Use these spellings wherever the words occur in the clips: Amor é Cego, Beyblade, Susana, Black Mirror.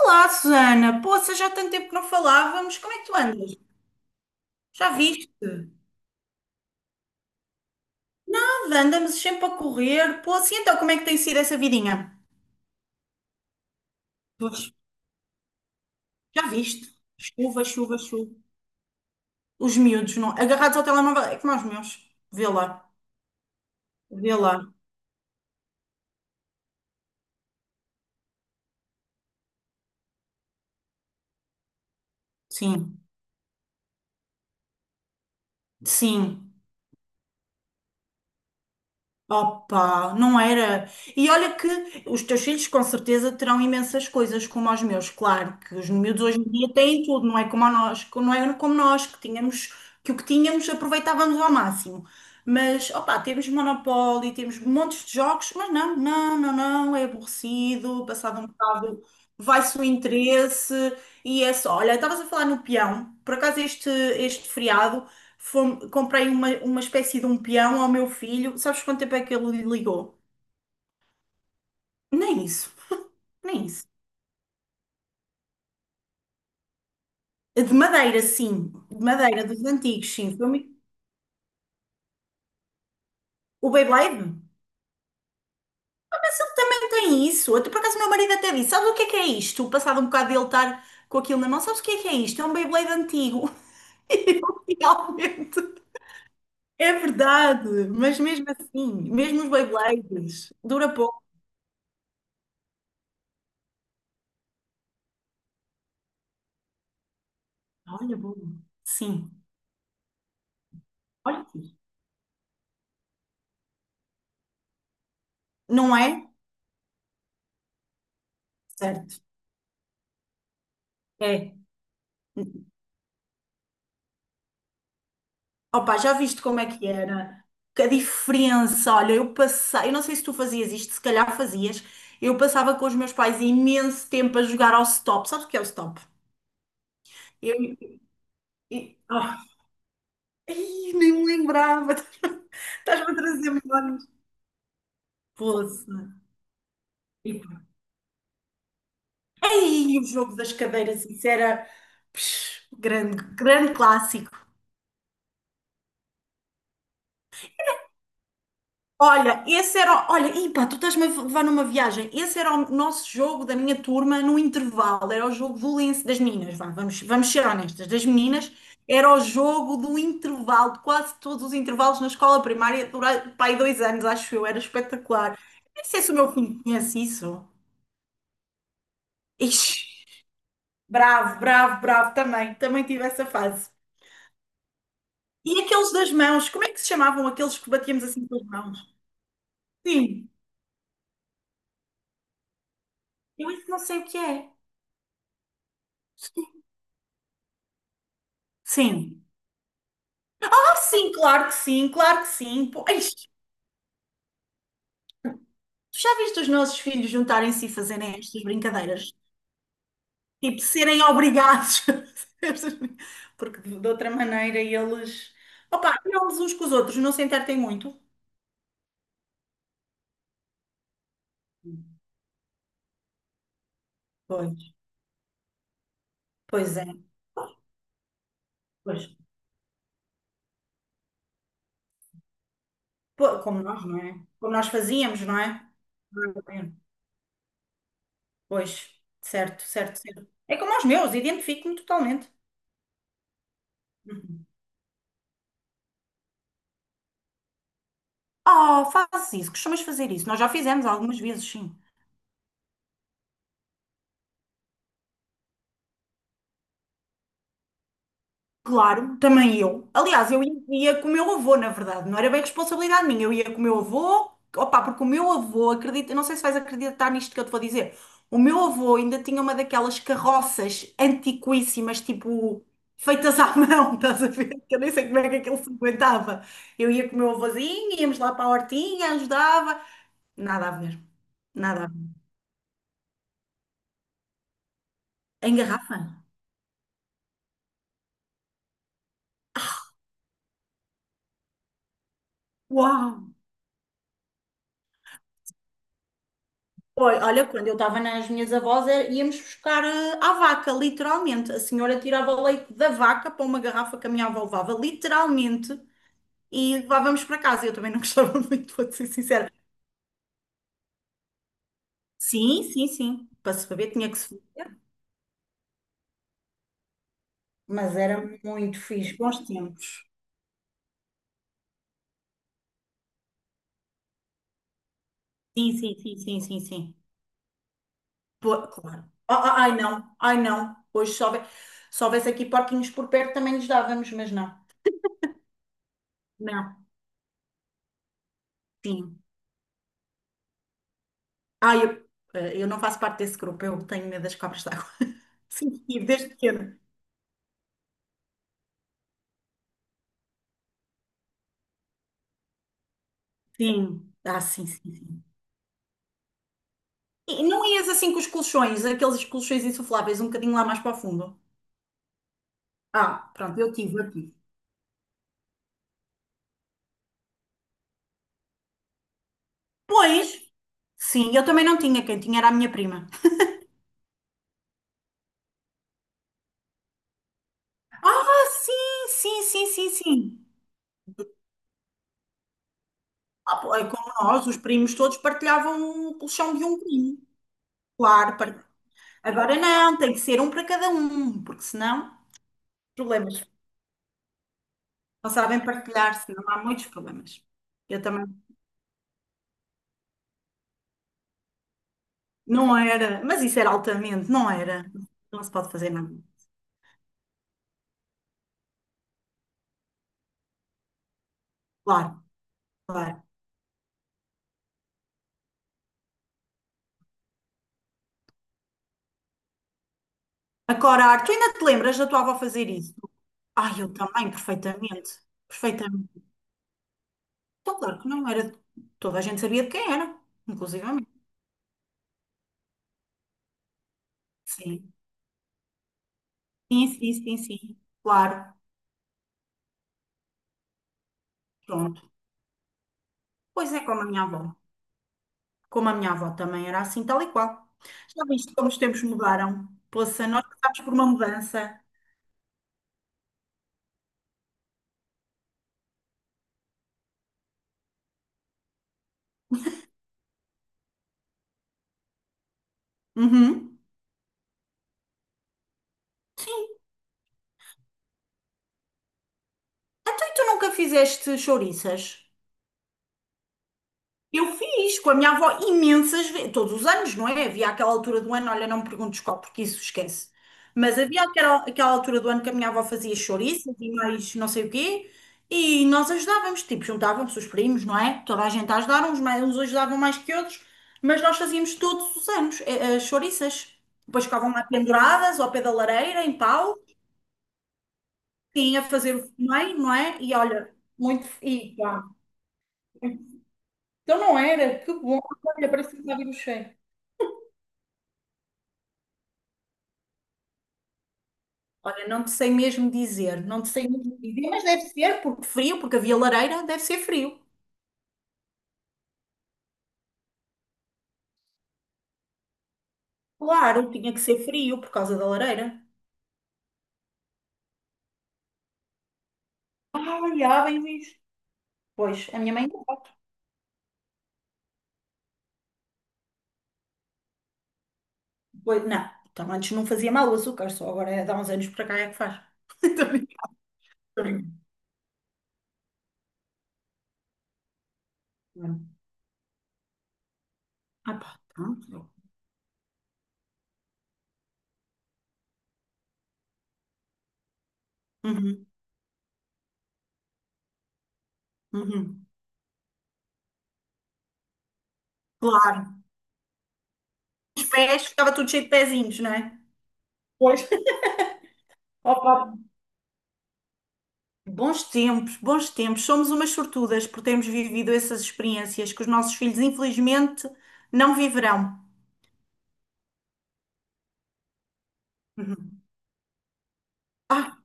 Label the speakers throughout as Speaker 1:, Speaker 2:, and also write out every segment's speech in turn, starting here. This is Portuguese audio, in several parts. Speaker 1: Olá, Susana. Poça, já há tanto tempo que não falávamos. Como é que tu andas? Já viste? Nada, andamos sempre a correr. Poça, e então como é que tem sido essa vidinha? Pois, já viste? Chuva, chuva, chuva. Os miúdos, não. Agarrados ao telemóvel, é como aos meus. Vê lá, vê lá. Sim, sim. Opa, não era. E olha que os teus filhos com certeza terão imensas coisas como os meus, claro, que os miúdos hoje em dia têm tudo, não é como a nós, que não é como nós, que tínhamos, que o que tínhamos aproveitávamos ao máximo. Mas, opa, temos Monopoly, temos montes de jogos, mas não, é aborrecido, passado um bocado vai-se o interesse e é só. Olha, estavas a falar no peão, por acaso este feriado. Comprei uma espécie de um peão ao meu filho. Sabes quanto tempo é que ele lhe ligou? Nem isso. Nem isso. De madeira, sim. De madeira, dos antigos, sim. O Beyblade? Mas ele também tem isso. Até por acaso, meu marido até disse: "Sabes o que é isto?" Passado um bocado de ele estar com aquilo na mão, sabes o que é isto? É um Beyblade antigo. E eu, realmente. É verdade, mas mesmo assim, mesmo os Beyblades, dura pouco. Olha, bom. Sim. Olha, aqui. Não é? Certo. É. Opa, já viste como é que era? Que a diferença, olha, eu passei, eu não sei se tu fazias isto, se calhar fazias, eu passava com os meus pais imenso tempo a jogar ao stop. Sabes o que é o stop? Eu, eu- oh, ai, nem me lembrava. Estás-me a trazer memórias. Poça. E- ei, o jogo das cadeiras, isso era psh, grande clássico. Olha, esse era. Olha, Ipa, tu estás-me a levar numa viagem. Esse era o nosso jogo da minha turma no intervalo. Era o jogo valeense das meninas. Vá, vamos ser honestas. Das meninas, era o jogo do intervalo, de quase todos os intervalos na escola primária, durante pá, aí 2 anos, acho eu. Era espetacular. Nem sei se o meu filho conhece isso. Ixi, bravo. Também tive essa fase. E aqueles das mãos, como é que se chamavam aqueles que batíamos assim com as mãos? Sim, eu isso não sei o que é. Sim. Sim, claro que sim. Pô, ai, tu já viste os nossos filhos juntarem-se e fazerem estas brincadeiras? Tipo, serem obrigados. Porque de outra maneira eles. Opa, eles uns com os outros, não se entretêm muito. Pois, pois é, pois. Pô, como nós, não é? Como nós fazíamos, não é? Pois, certo. É como os meus, identifico-me totalmente. Uhum. Oh, fazes isso, costumas fazer isso. Nós já fizemos algumas vezes, sim. Claro, também eu. Aliás, eu ia com o meu avô, na verdade, não era bem responsabilidade minha, eu ia com o meu avô, opá, porque o meu avô, acredita, não sei se vais acreditar nisto que eu te vou dizer, o meu avô ainda tinha uma daquelas carroças antiquíssimas, tipo, feitas à mão, estás a ver? Que eu nem sei como é que aquilo se aguentava. Eu ia com o meu avôzinho, íamos lá para a hortinha, ajudava, nada a ver, nada a ver. Em garrafa? Uau! Oi, olha, quando eu estava nas minhas avós, é- íamos buscar à vaca, literalmente. A senhora tirava o leite da vaca para uma garrafa que a minha avó levava, literalmente, e levávamos para casa. Eu também não gostava muito, vou ser sincera. Sim, sim, sim. Para se beber tinha que se beber, mas era muito fixe, bons tempos. Sim, sim, sim, sim, sim, sim. Pô, claro. Ah, ah, ai não, ai não. Hoje se houve- se houvesse aqui porquinhos por perto também nos dávamos, mas não. Não, sim. Ah, eu, eu não faço parte desse grupo, eu tenho medo das cobras d'água. Sim, desde pequena. Sim, ah, sim, sim, sim. E não ias assim com os colchões, aqueles colchões insufláveis, um bocadinho lá mais para o fundo? Ah, pronto, eu tive. Pois, sim, eu também não tinha, quem tinha era a minha prima. Ah, sim, sim, sim, sim, sim. Ah, pô, é como nós, os primos todos partilhavam o colchão de um primo. Claro, par- agora não, tem que ser um para cada um, porque senão, problemas. Não sabem partilhar-se, não há muitos problemas. Eu também não era, mas isso era altamente, não era. Não se pode fazer nada. Claro, claro. Acorar, tu ainda te lembras da tua avó fazer isso? Ai, eu também, perfeitamente. Perfeitamente. Então, claro que não era. Toda a gente sabia de quem era, inclusivamente. Sim, sim, sim, sim, sim. Claro, pronto. Pois é, como a minha avó. Como a minha avó também era assim, tal e qual. Já viste como os tempos mudaram? Poça, nós passámos por uma mudança. Uhum. Sim, então, e tu nunca fizeste chouriças? Eu fiz com a minha avó imensas vezes, todos os anos, não é? Havia aquela altura do ano, olha, não me perguntes qual, porque isso esquece. Mas havia aquela, aquela altura do ano que a minha avó fazia chouriças e mais não sei o quê, e nós ajudávamos, tipo, juntavam-se os primos, não é? Toda a gente a ajudar, uns, mais, uns ajudavam mais que outros, mas nós fazíamos todos os anos as chouriças. Depois ficavam lá penduradas ao pé da lareira, em pau, tinha a fazer o meio, não é? E olha, muito. E pá. Então não era, que bom, olha, parece que estava o cheiro. Olha, não te sei mesmo dizer, não te sei mesmo dizer, mas deve ser porque frio, porque havia lareira, deve ser frio. Claro, tinha que ser frio por causa da lareira. Ah, olha, bem visto. Pois, a minha mãe não faz. Pois, não, então antes não fazia mal o açúcar, só agora é de há uns anos para cá é que faz. Tô brincando, tô brincando. Ah, pá, pronto. Uhum, uhum. Claro. Os pés, ficava tudo cheio de pezinhos, não é? Pois. Opa, bons tempos Somos umas sortudas por termos vivido essas experiências que os nossos filhos, infelizmente, não viverão. Uhum. Ah,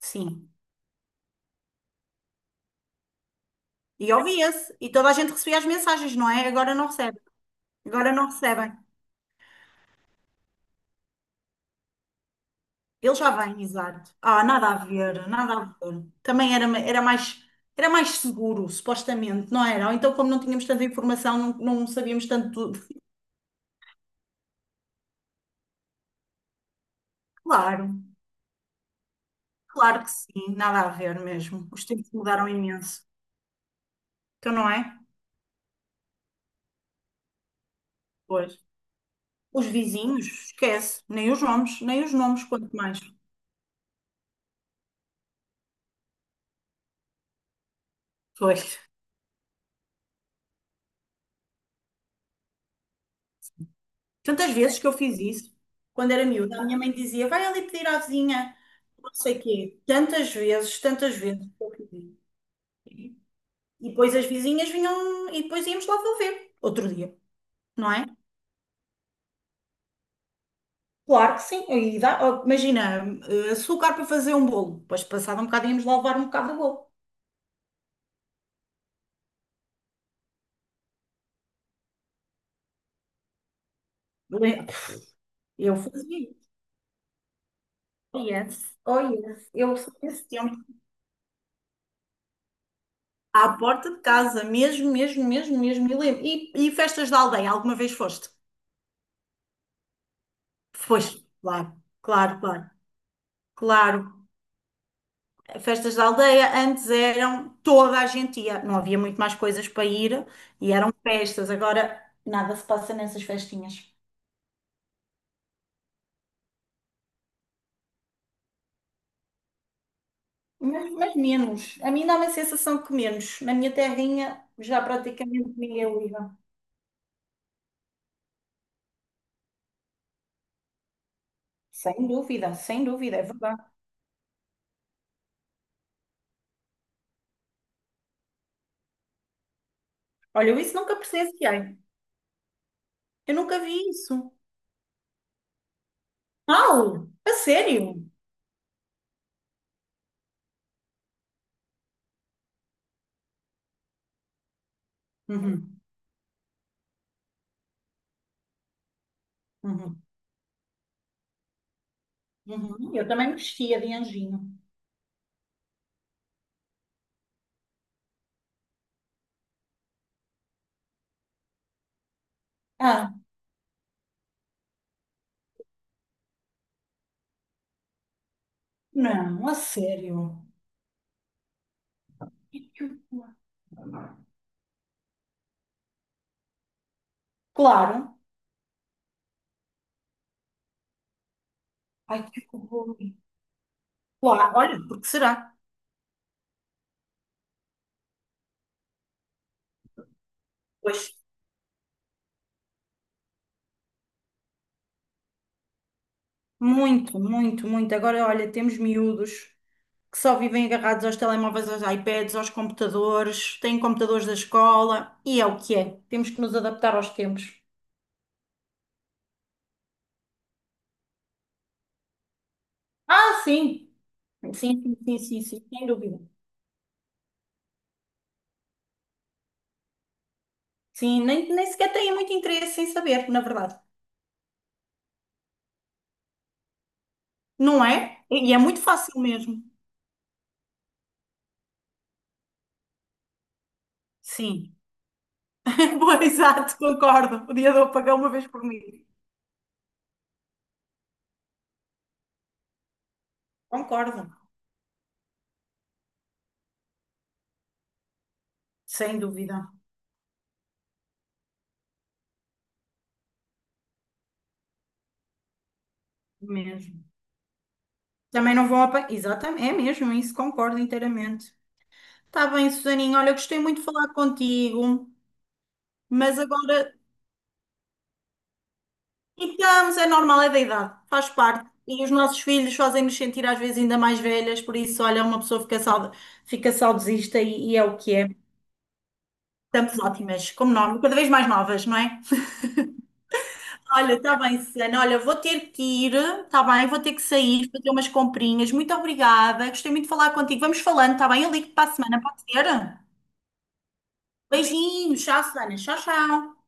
Speaker 1: sim. E ouvia-se. E toda a gente recebia as mensagens, não é? Agora não recebe. Agora não recebem. Eles já vêm, exato. Ah, nada a ver. Também era, era mais seguro, supostamente, não era? Ou então, como não tínhamos tanta informação, não, não sabíamos tanto tudo. Claro, claro que sim, nada a ver mesmo. Os tempos mudaram imenso. Então, não é? Pois. Os vizinhos, esquece, nem os nomes, quanto mais. Foi. Tantas vezes que eu fiz isso, quando era miúda, a minha mãe dizia, vai ali pedir à vizinha, não sei quê. Tantas vezes que eu fiz isso. E depois as vizinhas vinham, e depois íamos lá devolver, outro dia, não é? Claro que sim, e dá, ó, imagina, açúcar para fazer um bolo, depois passado um bocado íamos lá levar um bocado de bolo. Eu fazia isso. Oh yes, oh yes, eu sou desse tempo. À porta de casa, mesmo, mesmo, mesmo, mesmo. E, festas da aldeia, alguma vez foste? Foste, claro, claro, claro, claro. Festas da aldeia antes eram toda a gente ia, não havia muito mais coisas para ir e eram festas. Agora nada se passa nessas festinhas. Mas menos. A mim dá uma sensação que menos. Na minha terrinha já praticamente ninguém liga. Sem dúvida, é verdade. Olha, eu isso nunca presenciei. Eu nunca vi isso. Mal? A sério? Uhum, uhum, uhum. Eu também mexia de anjinho. Ah, não, a sério. Ai, que horror. Claro. Ai, que horror. Claro, olha, porque será? Pois, muito, muito, muito. Agora, olha, temos miúdos que só vivem agarrados aos telemóveis, aos iPads, aos computadores, têm computadores da escola, e é o que é. Temos que nos adaptar aos tempos. Ah, sim. Sim, sim, sim, sim, sim, sem dúvida. Sim, nem sequer têm muito interesse em saber, na verdade. Não é? E é muito fácil mesmo. Sim. Boa, exato, concordo. Podia eu pagar uma vez por mim. Concordo, sem dúvida, mesmo. Também não vão apagar. Exatamente, é mesmo, isso concordo inteiramente. Está bem, Susaninha, olha, gostei muito de falar contigo, mas agora. Então, mas é normal, é da idade, faz parte. E os nossos filhos fazem-nos sentir às vezes ainda mais velhas, por isso, olha, uma pessoa fica, sauda, fica saudosista e é o que é. Estamos ótimas, como nós, cada vez mais novas, não é? Olha, está bem, Susana. Olha, vou ter que ir, está bem? Vou ter que sair, fazer umas comprinhas. Muito obrigada. Gostei muito de falar contigo. Vamos falando, está bem? Eu ligo para a semana, pode ser? Beijinhos. Tchau, Susana. Tchau, tchau.